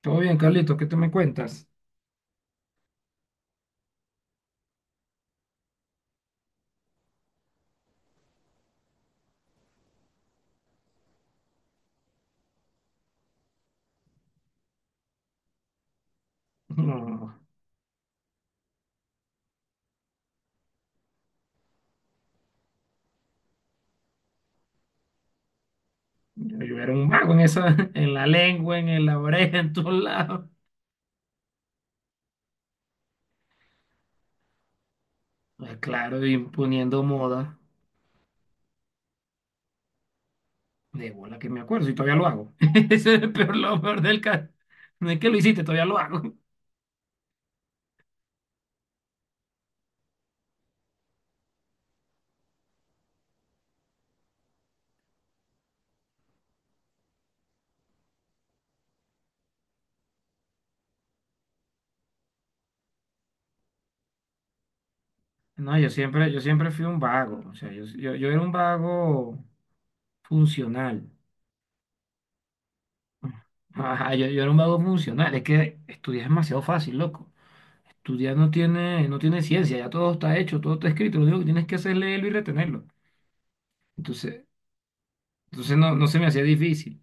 Todo bien, Carlito, ¿qué te me cuentas? No, yo era un mago en esa, en la lengua, en, la oreja, en todos lados. Ah, claro, imponiendo moda. De bola que me acuerdo, y todavía lo hago. Ese es el peor, lo peor del caso. No es que lo hiciste, todavía lo hago. No, yo siempre fui un vago. O sea, yo era un vago funcional. Ajá, yo era un vago funcional. Es que estudiar es demasiado fácil, loco. Estudiar no tiene ciencia, ya todo está hecho, todo está escrito. Lo único que tienes que hacer es leerlo y retenerlo. Entonces, entonces no se me hacía difícil.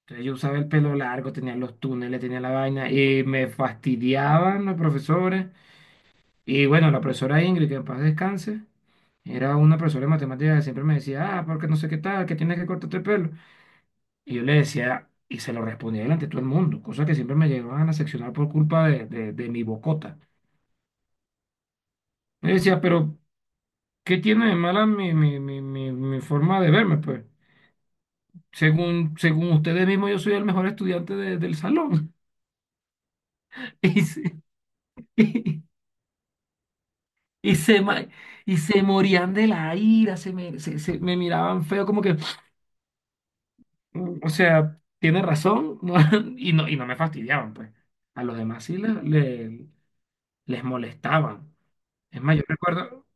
Entonces yo usaba el pelo largo, tenía los túneles, tenía la vaina y me fastidiaban los profesores. Y bueno, la profesora Ingrid, que en paz descanse, era una profesora de matemáticas que siempre me decía, ah, porque no sé qué tal, que tienes que cortarte el pelo. Y yo le decía, y se lo respondía delante de todo el mundo, cosa que siempre me llevaban a seccionar por culpa de mi bocota. Me decía, pero ¿qué tiene de mala mi forma de verme? Pues según ustedes mismos, yo soy el mejor estudiante del salón. Y se, y, se, y se morían de la ira, se me, se me miraban feo, como que, "Mm, o sea, tiene razón, ¿no?". Y no me fastidiaban, pues. A los demás sí les molestaban. Es más, yo recuerdo,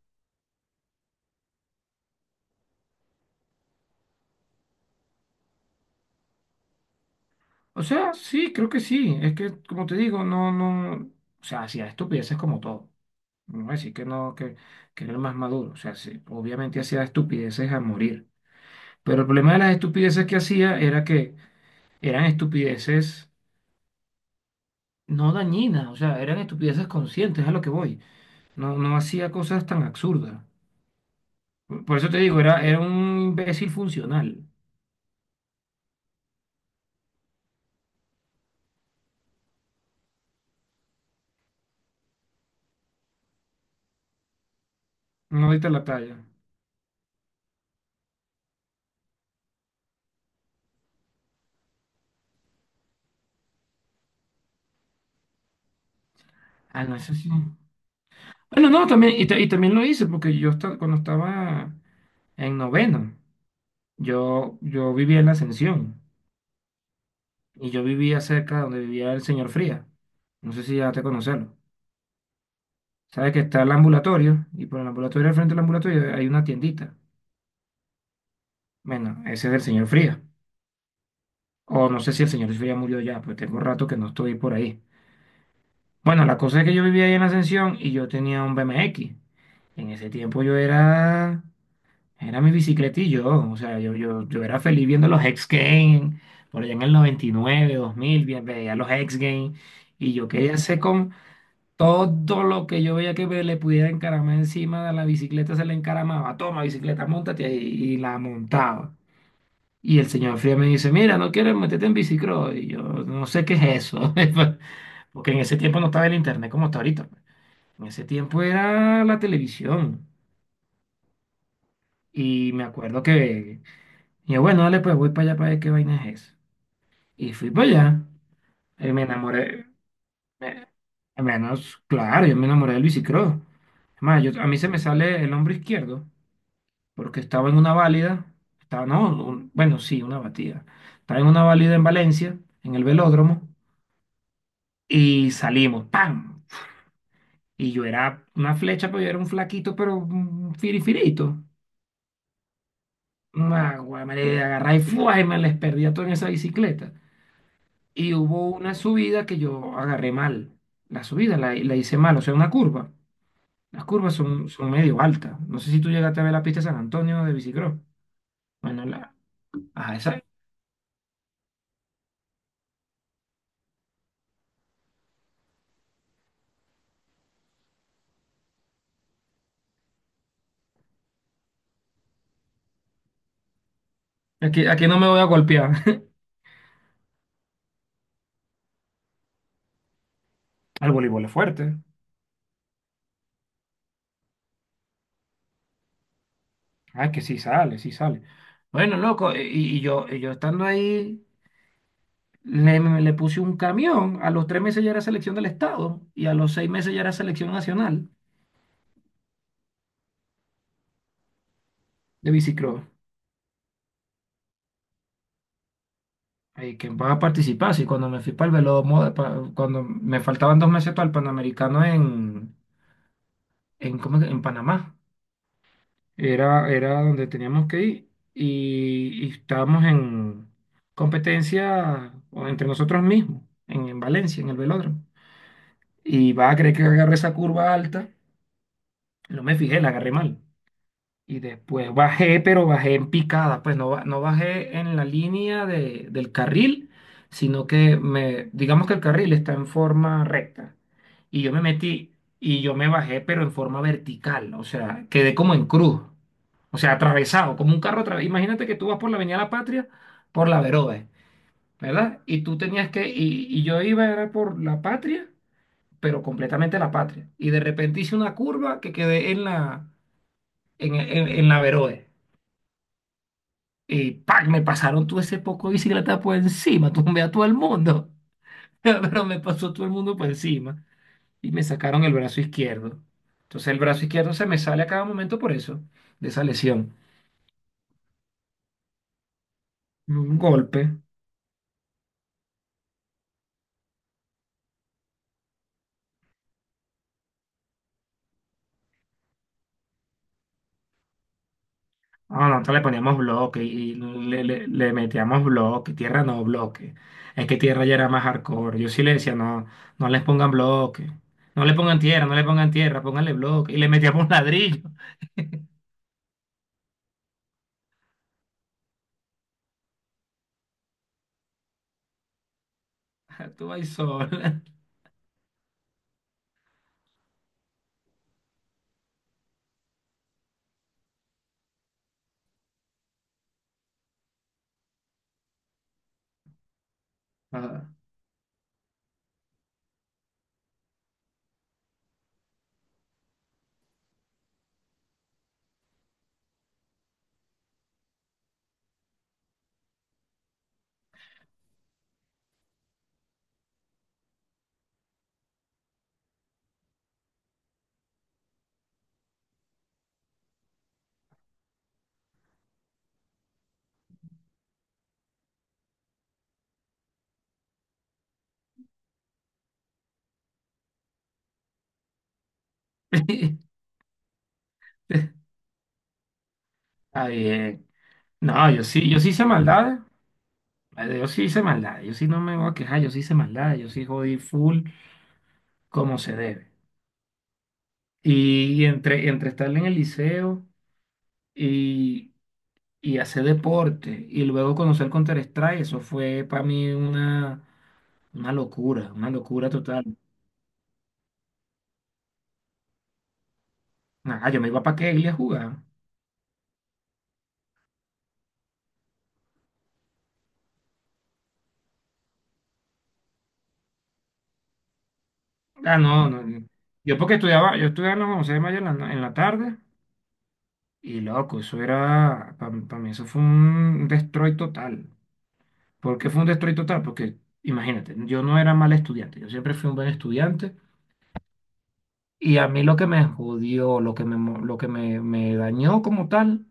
o sea, sí, creo que sí, es que, como te digo, no, no, o sea, hacía estupideces como todo. No voy a decir que no, que era el más maduro. O sea, sí, obviamente hacía estupideces a morir. Pero el problema de las estupideces que hacía era que eran estupideces no dañinas, o sea, eran estupideces conscientes, a lo que voy. No, no hacía cosas tan absurdas. Por eso te digo, era un imbécil funcional. No diste la talla. Ah, no, eso sí. Bueno, no, también, y también lo hice, porque yo cuando estaba en noveno, yo vivía en la Ascensión, y yo vivía cerca de donde vivía el señor Fría. No sé si ya te conocerlo. Sabes que está el ambulatorio, y por el ambulatorio, al frente del ambulatorio, hay una tiendita. Bueno, ese es del señor Fría. O no sé si el señor Jesús ya murió ya, pues tengo rato que no estoy por ahí. Bueno, la cosa es que yo vivía ahí en Ascensión y yo tenía un BMX. En ese tiempo era mi bicicletillo, o sea, yo era feliz viendo los X Games, por allá en el 99, 2000, veía los X Games y yo quería hacer con todo lo que yo veía que le pudiera encaramar encima de la bicicleta, se le encaramaba, toma bicicleta, montate y la montaba. Y el señor Fría me dice, mira, no quieres meterte en bicicross. Y yo no sé qué es eso, porque en ese tiempo no estaba el internet como está ahorita, pues. En ese tiempo era la televisión. Y me acuerdo que, y yo, bueno, dale, pues voy para allá para ver qué vaina es eso. Y fui para allá. Y me enamoré, me- menos, claro, yo me enamoré del bicicross. Es más, yo, a mí se me sale el hombro izquierdo, porque estaba en una válida, estaba, no, bueno, sí, una batida. Estaba en una válida en Valencia, en el velódromo. Y salimos, ¡pam! Y yo era una flecha, pero yo era un flaquito, pero un firifirito. Una güey, me le agarré y ¡fua! Y me les perdía todo en esa bicicleta. Y hubo una subida que yo agarré mal. La subida la hice mal, o sea, una curva. Las curvas son medio altas. No sé si tú llegaste a ver la pista de San Antonio de bicicross. Bueno, la... Ajá, esa... Aquí, aquí no me voy a golpear. Al voleibol es fuerte. Ay, que sí sale, sí sale. Bueno, loco, y yo estando ahí le puse un camión, a los 3 meses ya era selección del estado y a los 6 meses ya era selección nacional de bicicross. Que va a participar, sí, cuando me fui para el Velomoda, cuando me faltaban 2 meses para el Panamericano en, ¿cómo es que? En Panamá, era donde teníamos que ir y estábamos en competencia o entre nosotros mismos, en Valencia, en el velódromo. Y va a creer que agarré esa curva alta, no me fijé, la agarré mal. Y después bajé, pero bajé en picada, pues no, no bajé en la línea del carril, sino que me, digamos que el carril está en forma recta. Y yo me metí y yo me bajé, pero en forma vertical, o sea, quedé como en cruz, o sea, atravesado, como un carro atravesado. Imagínate que tú vas por la Avenida La Patria, por la Verode, ¿verdad? Y tú tenías que, y yo iba era por la Patria, pero completamente la Patria. Y de repente hice una curva que quedé en la, en en la Verode. Y ¡pac! Me pasaron todo ese poco de bicicleta por encima, tumbé a todo el mundo, pero me pasó todo el mundo por encima y me sacaron el brazo izquierdo. Entonces el brazo izquierdo se me sale a cada momento por eso, de esa lesión. Un golpe. Ah, no, entonces le poníamos bloque y le, le metíamos bloque, tierra no bloque. Es que tierra ya era más hardcore. Yo sí le decía, no, no les pongan bloque, no le pongan tierra, no le pongan tierra, pónganle bloque. Y le metíamos ladrillo. Tú vas sola. Ah. Está bien. No, yo sí, yo sí hice maldades. Yo sí hice maldades. Yo sí no me voy a quejar. Yo sí hice maldades. Yo sí jodí full como se debe. Y entre estar en el liceo y, y hacer deporte y luego conocer Counter-Strike, eso fue para mí una locura total. Ah, yo me iba para Keglia a jugar. Ah, no, no, no. Yo porque estudiaba, yo estudiaba en la José de Mayo en la, en la tarde y loco, eso era, para mí eso fue un destroy total. ¿Por qué fue un destroy total? Porque imagínate, yo no era mal estudiante, yo siempre fui un buen estudiante y a mí lo que me jodió, lo que me dañó como tal,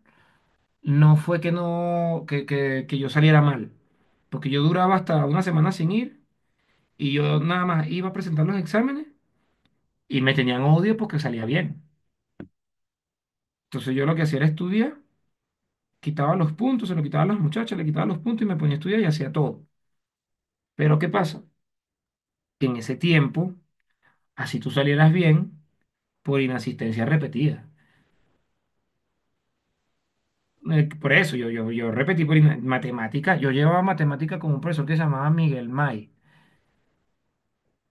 no fue que, no, que yo saliera mal, porque yo duraba hasta una semana sin ir y yo nada más iba a presentar los exámenes y me tenían odio porque salía bien. Entonces yo lo que hacía era estudiar, quitaba los puntos, se lo quitaba a las muchachas, le quitaba los puntos y me ponía a estudiar y hacía todo. Pero ¿qué pasa? Que en ese tiempo, así tú salieras bien, por inasistencia repetida. Por eso yo repetí por matemática. Yo llevaba matemática con un profesor que se llamaba Miguel May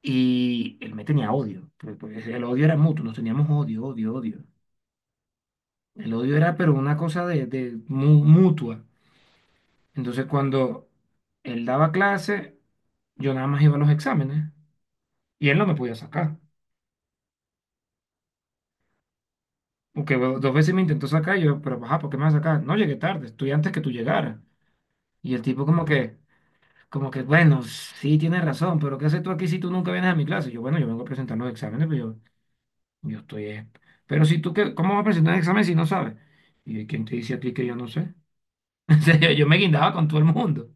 y él me tenía odio, pues, el odio era mutuo, nos teníamos odio, odio, odio. El odio era, pero una cosa de, mutua. Entonces, cuando él daba clase, yo nada más iba a los exámenes y él no me podía sacar. Porque bueno, dos veces me intentó sacar, y yo, pero ajá, ¿por qué me vas a sacar? No llegué tarde, estoy antes que tú llegaras. Y el tipo, como que. Como que, bueno, sí tienes razón, pero ¿qué haces tú aquí si tú nunca vienes a mi clase? Yo, bueno, yo vengo a presentar los exámenes, pero yo estoy... Pero si tú, qué, ¿cómo vas a presentar un examen si no sabes? ¿Y quién te dice a ti que yo no sé? En serio, yo me guindaba con todo el mundo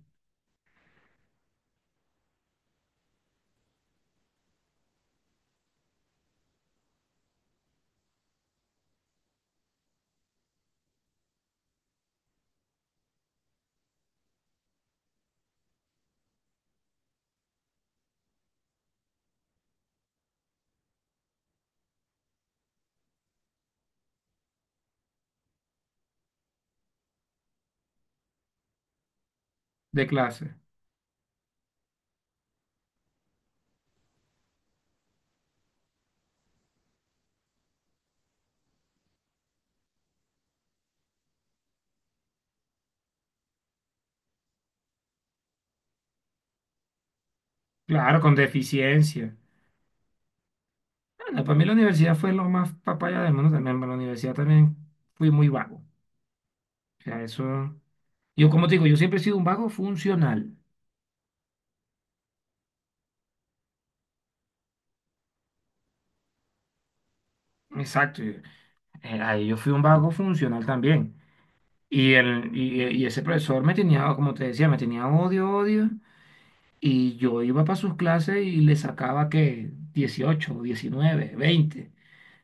de clase. Claro, con deficiencia. Bueno, para mí la universidad fue lo más papaya del mundo también. Para la universidad también fui muy vago. O sea, eso... Yo, como te digo, yo siempre he sido un vago funcional. Exacto. Ahí yo fui un vago funcional también. Y ese profesor me tenía, como te decía, me tenía odio, odio. Y yo iba para sus clases y le sacaba que 18 19 20.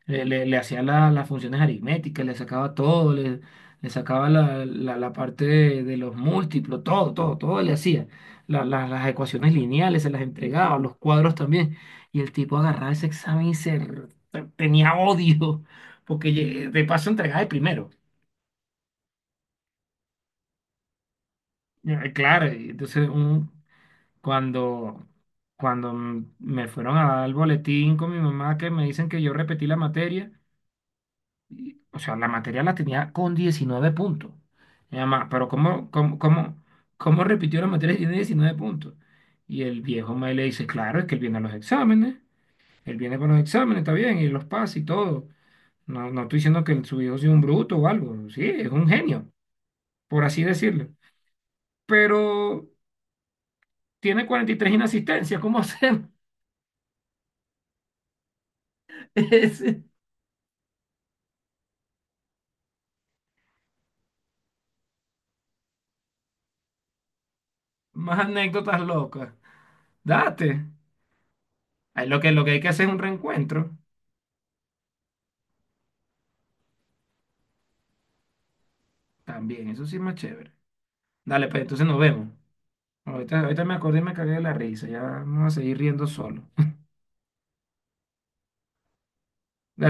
Le hacía las funciones aritméticas, le sacaba todo, le sacaba la, la parte de los múltiplos, todo, todo, todo le hacía. Las ecuaciones lineales se las entregaba, los cuadros también. Y el tipo agarraba ese examen y se tenía odio, porque de paso entregaba el primero. Ya, claro, y entonces un, cuando, me fueron a dar el boletín con mi mamá que me dicen que yo repetí la materia, y, o sea, la materia la tenía con 19 puntos. Mi mamá, pero ¿cómo repitió la materia si tiene 19 puntos? Y el viejo me le dice, claro, es que él viene a los exámenes, él viene con los exámenes, está bien, y los pasa y todo. No, no estoy diciendo que su hijo sea un bruto o algo, sí, es un genio, por así decirlo. Pero tiene 43 inasistencias, ¿cómo hacemos? Más anécdotas locas. Date. Ahí lo que hay que hacer es un reencuentro. También, eso sí es más chévere. Dale, pues entonces nos vemos. Ahorita, ahorita me acordé y me cagué de la risa. Ya vamos a seguir riendo solo.